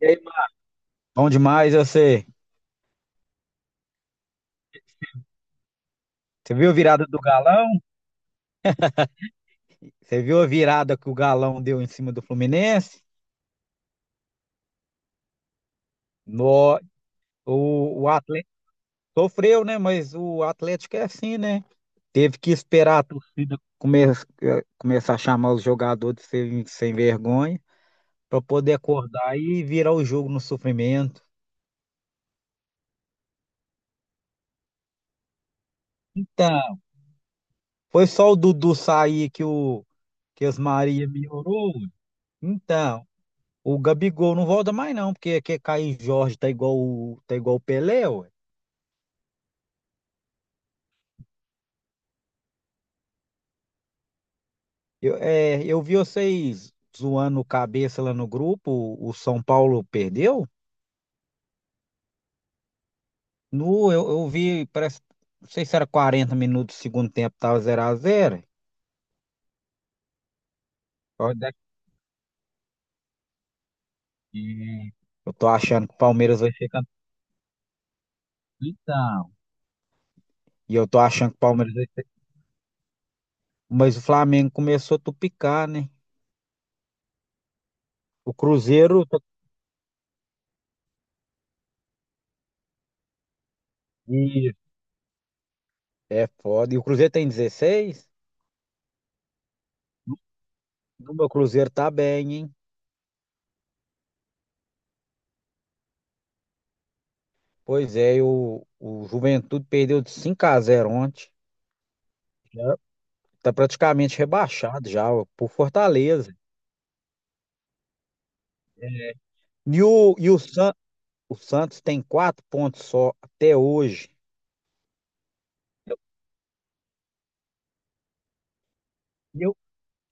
E aí, Marcos? Bom demais, eu sei. Você viu a virada do Galão? Você viu a virada que o Galão deu em cima do Fluminense? No, o Atlético sofreu, né? Mas o Atlético é assim, né? Teve que esperar a torcida começar a chamar os jogadores de sem vergonha para poder acordar e virar o jogo no sofrimento. Então, foi só o Dudu sair que as Maria melhorou. Então, o Gabigol não volta mais não, porque quer cair Jorge tá igual o Pelé, ué. Eu vi vocês zoando o cabeça lá no grupo, o São Paulo perdeu? No, eu vi, parece, não sei se era 40 minutos do segundo tempo, tava 0 a 0. Olha daqui. Eu tô achando que o Palmeiras vai ser campeão. Então. E eu tô achando que o Palmeiras vai ser... Mas o Flamengo começou a tupicar, né? O Cruzeiro... Ih, é foda. E o Cruzeiro tem 16. O meu Cruzeiro tá bem, hein? Pois é, e o Juventude perdeu de 5 a 0 ontem. Já tá praticamente rebaixado já, ó, por Fortaleza. E o, e o, San, o Santos tem 4 pontos só até hoje. E Eu,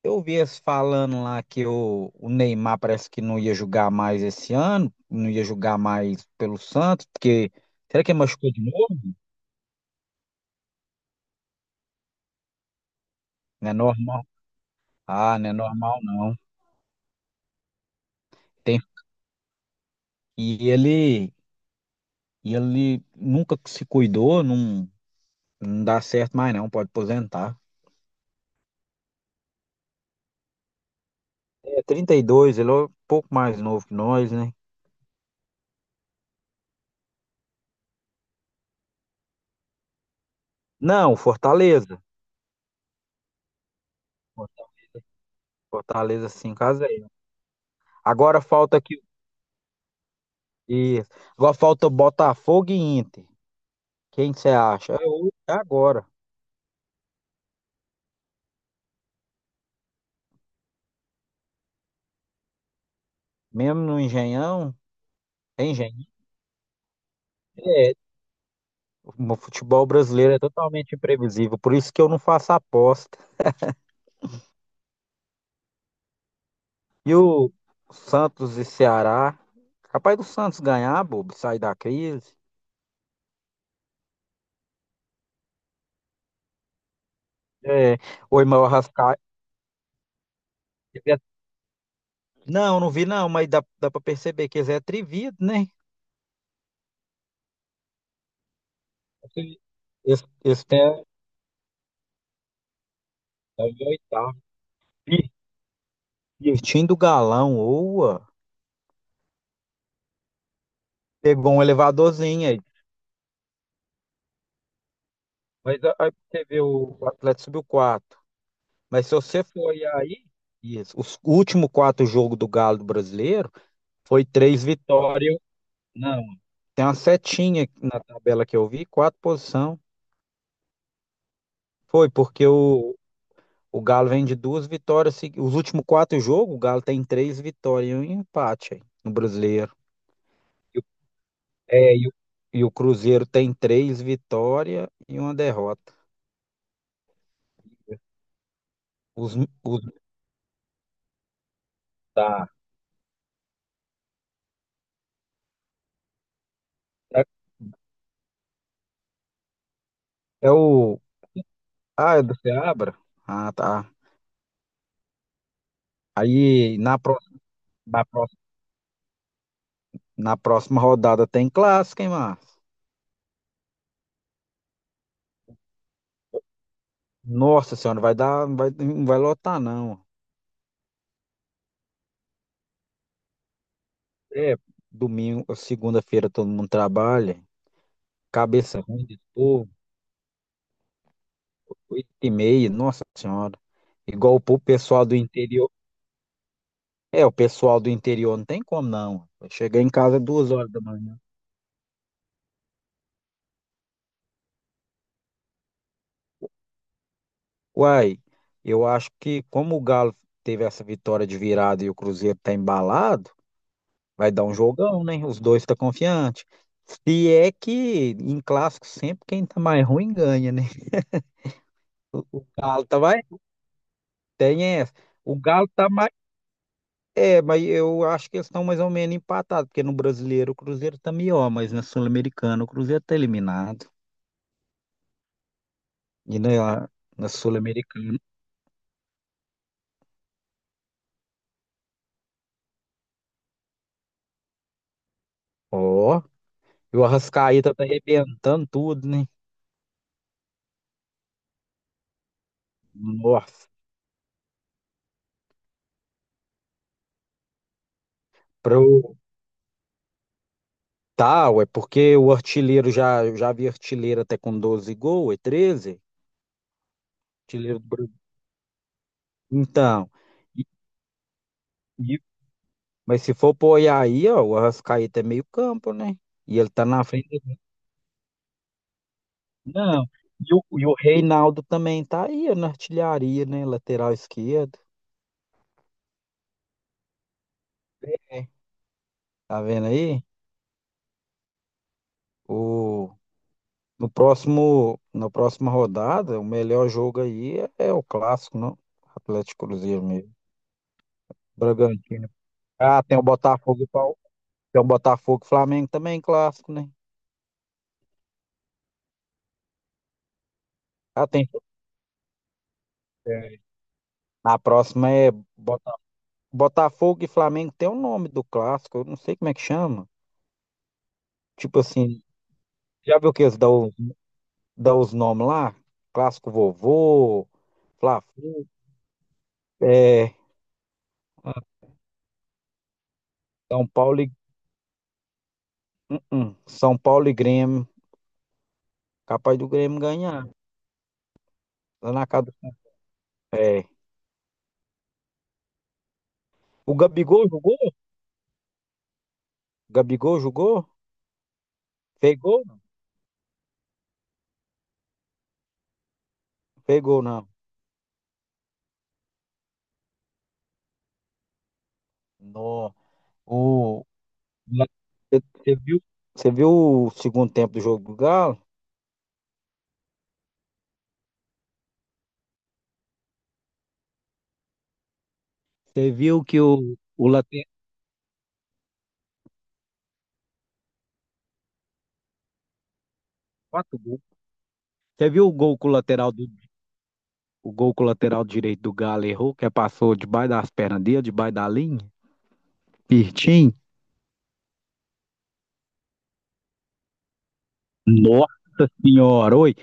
eu vi eles falando lá que o Neymar parece que não ia jogar mais esse ano, não ia jogar mais pelo Santos, porque será que ele machucou de novo? Não é normal. Ah, não é normal não. Tem, e ele, e ele nunca se cuidou, não. Não dá certo mais não, pode aposentar. É 32, ele é um pouco mais novo que nós, né? Não, Fortaleza. Fortaleza cinco a 0. Agora falta aqui. Isso. Agora falta Botafogo e Inter. Quem você acha? É hoje, é agora. Mesmo no Engenhão. É, o futebol brasileiro é totalmente imprevisível, por isso que eu não faço aposta. E o Santos e Ceará, capaz do Santos ganhar, bobo, sair da crise. É, o irmão Arrascaeta. Não, não vi não, mas dá para perceber que eles é atrevido, né? Esse, esse tem a, é o oitavo. Ih, pertinho do galão, oa. Pegou um elevadorzinho aí. Aí você vê o Atlético subiu quatro. Mas se você Foi aí, isso. Os últimos quatro jogos do Galo do Brasileiro foi três vitórias. Vitória. Não, tem uma setinha na tabela que eu vi, quatro posição. Foi porque o, O Galo vem de duas vitórias. Os últimos quatro jogos, o Galo tem três vitórias e um empate aí, no Brasileiro. E o- É, e o Cruzeiro tem três vitórias e uma derrota. Os, os, tá. É, é o. Ah, é do Seabra? Ah, tá. Aí na, pró- na, pró- na próxima rodada tem clássico, hein, Márcio? Nossa senhora, vai dar, vai, não vai lotar, não. É, domingo, segunda-feira todo mundo trabalha. Cabeça ruim de. 8h30, nossa senhora. Igual pro pessoal do interior. É, o pessoal do interior não tem como não. Chegar em casa 2 horas da manhã. Uai, eu acho que como o Galo teve essa vitória de virada e o Cruzeiro tá embalado, vai dar um jogão, né? Os dois tá confiante. Se é que em clássico sempre quem tá mais ruim ganha, né? O Galo tá mais. Tem essa. O Galo tá mais. É, mas eu acho que eles estão mais ou menos empatados, porque no brasileiro o Cruzeiro tá melhor, mas na Sul-Americana o Cruzeiro tá eliminado. E na Sul-Americana, ó, e o Arrascaeta tá arrebentando tudo, né? Nossa, pro tal, é porque o artilheiro já vi artilheiro até com 12 gols, é 13. Artilheiro do Brasil. Então, e- e- mas se for pôr aí, ó, o Arrascaeta é meio campo, né? E ele tá na frente. Não. E o Reinaldo também tá aí na artilharia, né? Lateral esquerdo. É. Tá vendo aí? O, no próximo, na próxima rodada, o melhor jogo aí é o clássico, não? Atlético e Cruzeiro mesmo. Bragantino. Ah, tem o Botafogo e Pau. Tem o Botafogo e Flamengo também, clássico, né? Ah, tem. É. A próxima é Bota- Botafogo e Flamengo. Tem o nome do clássico, eu não sei como é que chama. Tipo assim, já viu que eles dão dá os nomes lá, Clássico Vovô, Fla-Flu, é, São Paulo e, São Paulo e Grêmio, capaz do Grêmio ganhar, lá na casa do, é. O Gabigol jogou? O Gabigol jogou? Fez gol? Fez gol, não. No, o, Você viu, você viu o segundo tempo do jogo do Galo? Você viu que o lateral, quatro gols. Você viu o gol com o lateral direito do Galo errou, que passou debaixo das pernas dele, debaixo da linha? Pirtim, nossa senhora, oi,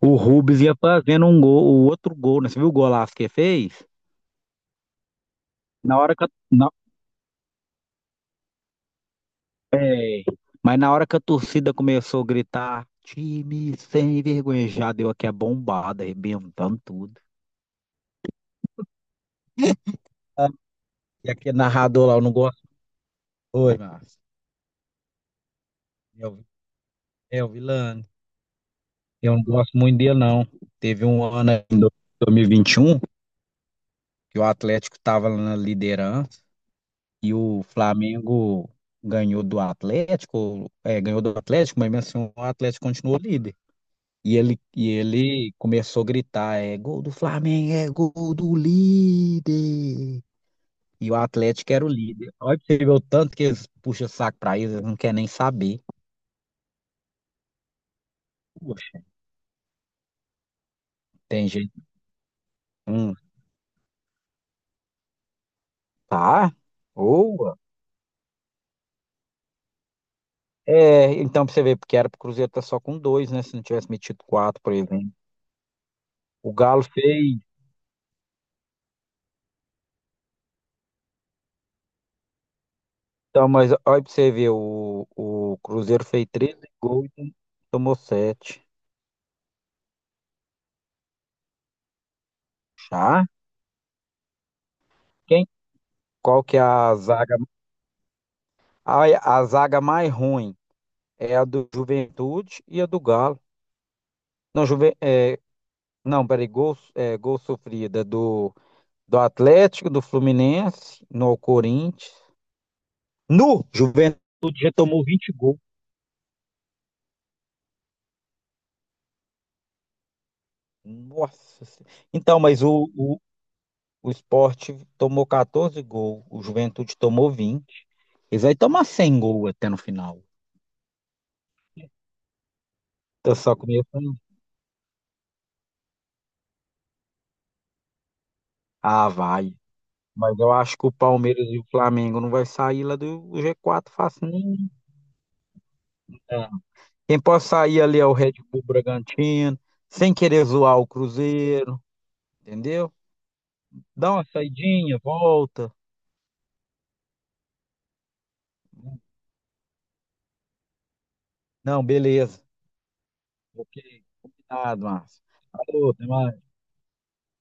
o Rubens ia fazendo um gol, o outro gol, né? Você viu o golaço que ele fez? Na hora que a, na- é, mas na hora que a torcida começou a gritar, time sem vergonha, já deu aqui a bombada, arrebentando tudo. Ah, e aquele narrador lá, eu não gosto. Oi, Márcio. É o é o Vilani. Eu não gosto muito dele, não. Teve um ano aí em 2021 que o Atlético estava na liderança. E o Flamengo ganhou do Atlético, mas mesmo assim o Atlético continuou líder. E ele começou a gritar, é gol do Flamengo, é gol do líder. E o Atlético era o líder. Olha pra você ver o tanto que eles puxam saco pra eles, eles não querem nem saber. Poxa, tem gente. Hum, tá? Boa. É, então pra você ver, porque era pro Cruzeiro tá só com dois, né? Se não tivesse metido quatro, por exemplo. O Galo fez. Então, mas olha pra você ver, o Cruzeiro fez 13 gols e tomou 7. Já? Quem? Qual que é a zaga? A, a zaga mais ruim é a do Juventude e a do Galo. Não, Juve, é, não, peraí, gol, é, gol sofrida do Atlético, do Fluminense, no Corinthians. No Juventude já tomou 20 gols. Nossa. Senhora. Então, mas o Sport tomou 14 gols, o Juventude tomou 20. Eles vai tomar 100 gols até no final. Eu só começo. Ah, vai. Mas eu acho que o Palmeiras e o Flamengo não vai sair lá do G4 fácil nenhum. Cara. Quem pode sair ali é o Red Bull Bragantino, sem querer zoar o Cruzeiro, entendeu? Dá uma saidinha, volta. Não, beleza. Ok, combinado, Márcio. Falou, até mais.